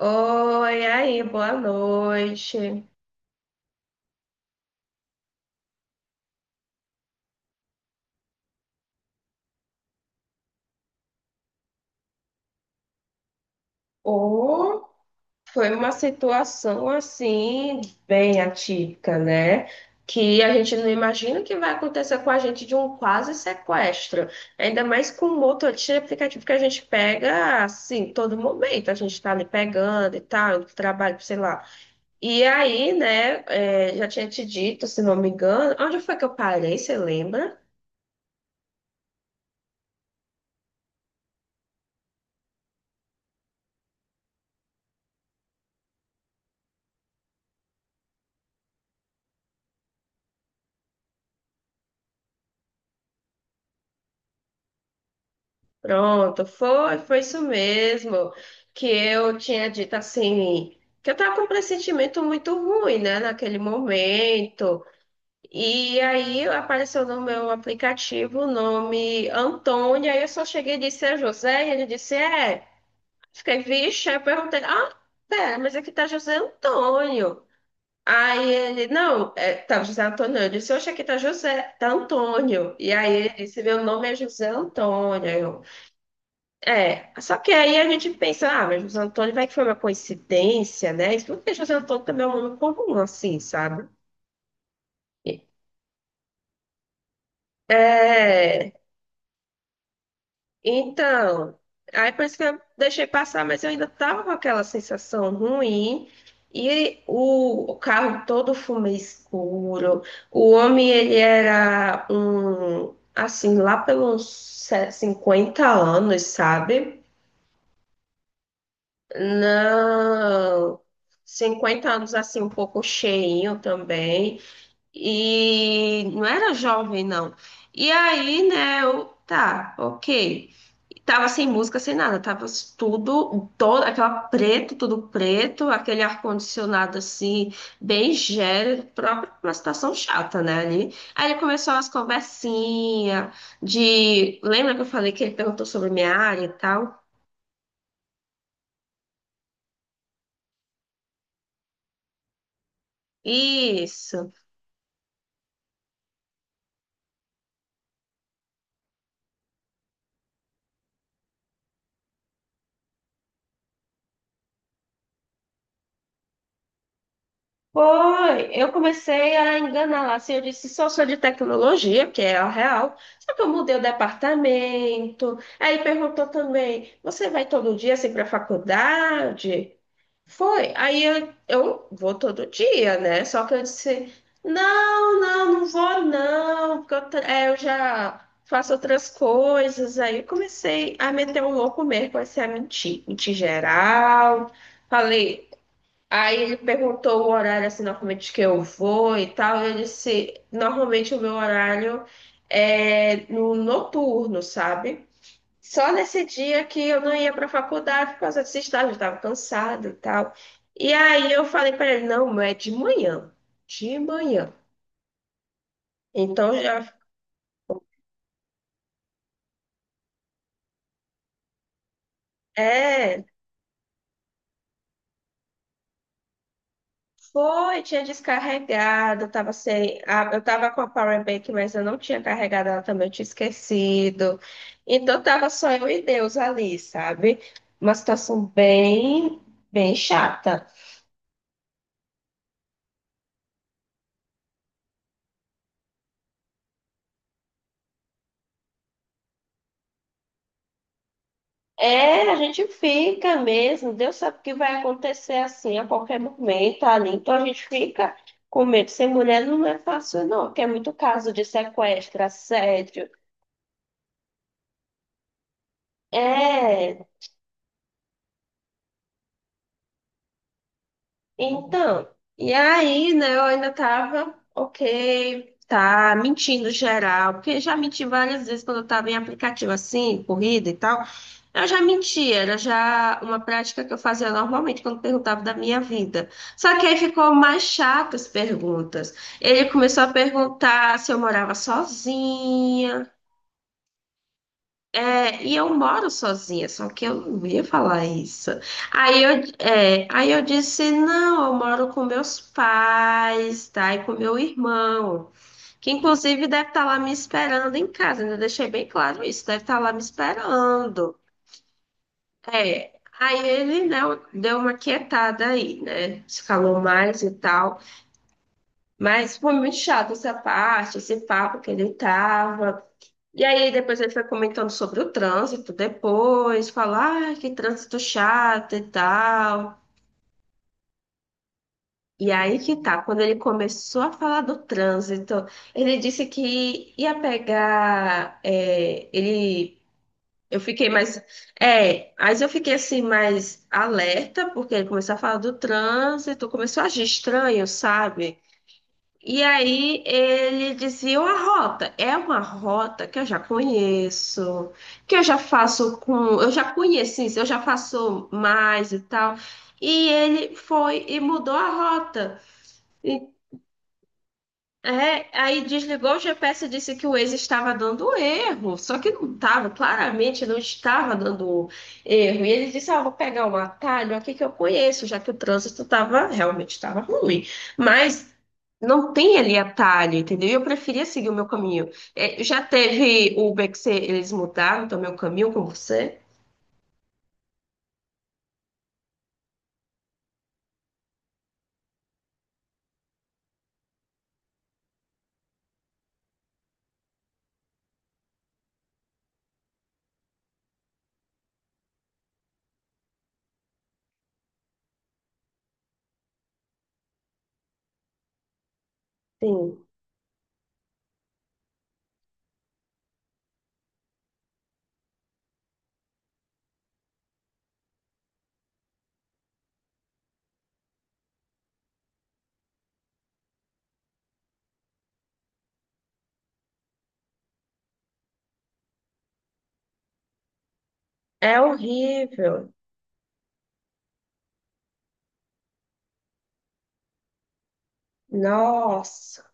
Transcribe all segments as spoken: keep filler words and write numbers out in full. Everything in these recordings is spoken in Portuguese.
Oi, aí, boa noite. Ou foi uma situação assim, bem atípica, né? Que a gente não imagina que vai acontecer com a gente, de um quase sequestro. Ainda mais com o mototaxi aplicativo que a gente pega assim, todo momento. A gente tá ali pegando e tal, indo pro trabalho, sei lá. E aí, né, é, já tinha te dito, se não me engano, onde foi que eu parei, você lembra? Pronto, foi, foi isso mesmo. Que eu tinha dito assim, que eu estava com um pressentimento muito ruim, né, naquele momento. E aí apareceu no meu aplicativo o nome Antônio, aí eu só cheguei e disse, é José, e ele disse, é. Fiquei, vixe, aí eu perguntei, ah, pera, mas aqui tá José Antônio. Aí ele, não, é, tá José Antônio. Eu disse, oxe, aqui tá José, tá Antônio. E aí ele disse, meu nome é José Antônio. É, só que aí a gente pensa, ah, mas José Antônio, vai que foi uma coincidência, né? Isso porque José Antônio também é um nome comum, assim, sabe? É, então, aí por isso que eu deixei passar, mas eu ainda tava com aquela sensação ruim. E o, o carro todo fumê escuro. O homem, ele era um, assim, lá pelos se- cinquenta anos, sabe? Não, cinquenta anos assim, um pouco cheinho também. E não era jovem, não. E aí, né, eu, tá, ok. Tava sem música, sem nada, tava tudo, todo, aquela preto, tudo preto, aquele ar-condicionado assim, bem gélido, próprio pra uma situação chata, né, ali. Aí ele começou as conversinhas de, lembra que eu falei que ele perguntou sobre minha área e tal? Isso. Foi, eu comecei a enganar lá, assim, eu disse, só sou de tecnologia, que é a real, só que eu mudei o departamento, aí perguntou também, você vai todo dia, assim, para faculdade? Foi, aí eu, eu vou todo dia, né, só que eu disse, não, não, não vou não, porque eu, tra- é, eu já faço outras coisas, aí eu comecei a meter o louco mesmo, comecei a mentir, mentir geral, falei. Aí ele perguntou o horário assim, normalmente que eu vou e tal. Eu disse, normalmente o meu horário é no noturno, sabe? Só nesse dia que eu não ia para a faculdade por causa desse estágio, eu estava cansada e tal. E aí eu falei para ele, não, mas é de manhã, de manhã. Então já é. Foi, tinha descarregado, eu tava sem, a- eu tava com a power bank, mas eu não tinha carregado ela também, eu tinha esquecido. Então tava só eu e Deus ali, sabe? Uma situação bem, bem chata. É, a gente fica mesmo, Deus sabe o que vai acontecer assim a qualquer momento ali. Então a gente fica com medo. Ser mulher não é fácil, não, porque é muito caso de sequestro, assédio. É. Então, e aí, né, eu ainda tava, ok, tá mentindo geral, porque já menti várias vezes quando eu tava em aplicativo assim, corrida e tal. Eu já menti, era já uma prática que eu fazia normalmente quando perguntava da minha vida. Só que aí ficou mais chato as perguntas. Ele começou a perguntar se eu morava sozinha, é, e eu moro sozinha, só que eu não ia falar isso. Aí eu, é, aí eu disse, não, eu moro com meus pais, tá? E com meu irmão, que inclusive deve estar lá me esperando em casa, ainda deixei bem claro isso, deve estar lá me esperando. É, aí ele, né, deu uma quietada aí, né? Se calou mais e tal. Mas foi muito chato essa parte, esse papo que ele tava. E aí depois ele foi comentando sobre o trânsito depois, falar, ah, que trânsito chato e tal. E aí que tá, quando ele começou a falar do trânsito, ele disse que ia pegar, é, ele, eu fiquei mais, é, mas eu fiquei assim mais alerta, porque ele começou a falar do trânsito, começou a agir estranho, sabe? E aí ele dizia uma rota, é uma rota que eu já conheço, que eu já faço com, eu já conheci, eu já faço mais e tal. E ele foi e mudou a rota. É, aí desligou o G P S e disse que o Waze estava dando erro, só que não estava, claramente não estava dando erro. E ele disse: Ah, vou pegar um atalho aqui que eu conheço, já que o trânsito estava realmente estava ruim. Mas não tem ali atalho, entendeu? E eu preferia seguir o meu caminho. É, já teve Uber que você- eles mudaram também o caminho com você? Sim. É horrível. Nossa.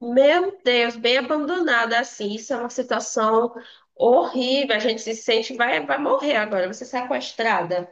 Meu Deus, bem abandonada assim, isso é uma situação horrível. A gente se sente, vai, vai morrer agora, você sequestrada.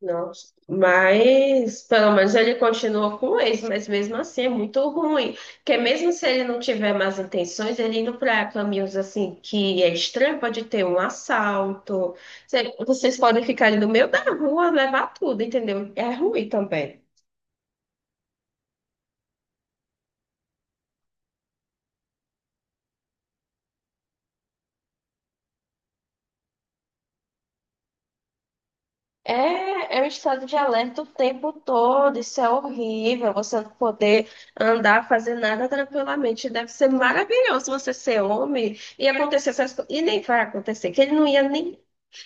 Não, mas pelo menos ele continua com o ex, mas mesmo assim é muito ruim. Porque mesmo se ele não tiver más intenções, ele indo para caminhos assim que é estranho, pode ter um assalto. Cê- Vocês podem ficar ali no meio da rua, levar tudo, entendeu? É ruim também. É, é um estado de alerta o tempo todo, isso é horrível, você não poder andar, fazer nada tranquilamente. Deve ser maravilhoso você ser homem e acontecer essas coisas. E nem vai acontecer, que ele não ia nem.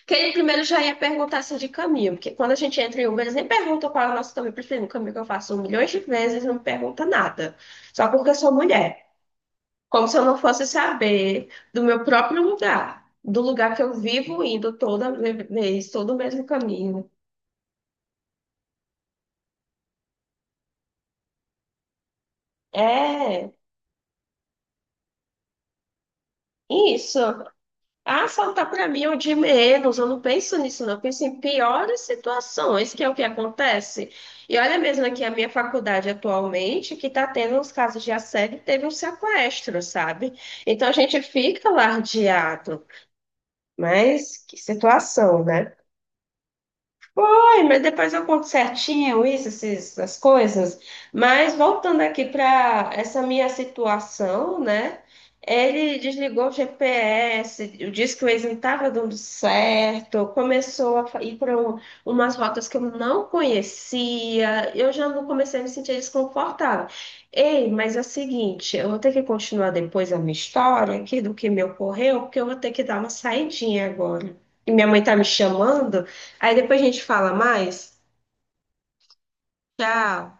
Que ele primeiro já ia perguntar se de caminho, porque quando a gente entra em Uber, eles nem perguntam qual é o nosso caminho preferido. O caminho que eu faço milhões de vezes, não pergunta nada. Só porque eu sou mulher. Como se eu não fosse saber do meu próprio lugar, do lugar que eu vivo indo toda vez, todo o mesmo caminho. É, isso. Ah, assaltar para mim é o de menos. Eu não penso nisso, não. Eu penso em piores situações, que é o que acontece. E olha mesmo aqui a minha faculdade atualmente, que está tendo uns casos de assédio, teve um sequestro, sabe? Então a gente fica lardeado. Mas que situação, né? Foi, mas depois eu conto certinho isso, esses- essas coisas. Mas voltando aqui para essa minha situação, né? Ele desligou o G P S, disse que o Waze não estava dando certo, começou a fa- ir para umas rotas que eu não conhecia, eu já não comecei a me sentir desconfortável. Ei, mas é o seguinte, eu vou ter que continuar depois a minha história aqui do que me ocorreu, porque eu vou ter que dar uma saidinha agora. E minha mãe tá me chamando. Aí depois a gente fala mais. Tchau.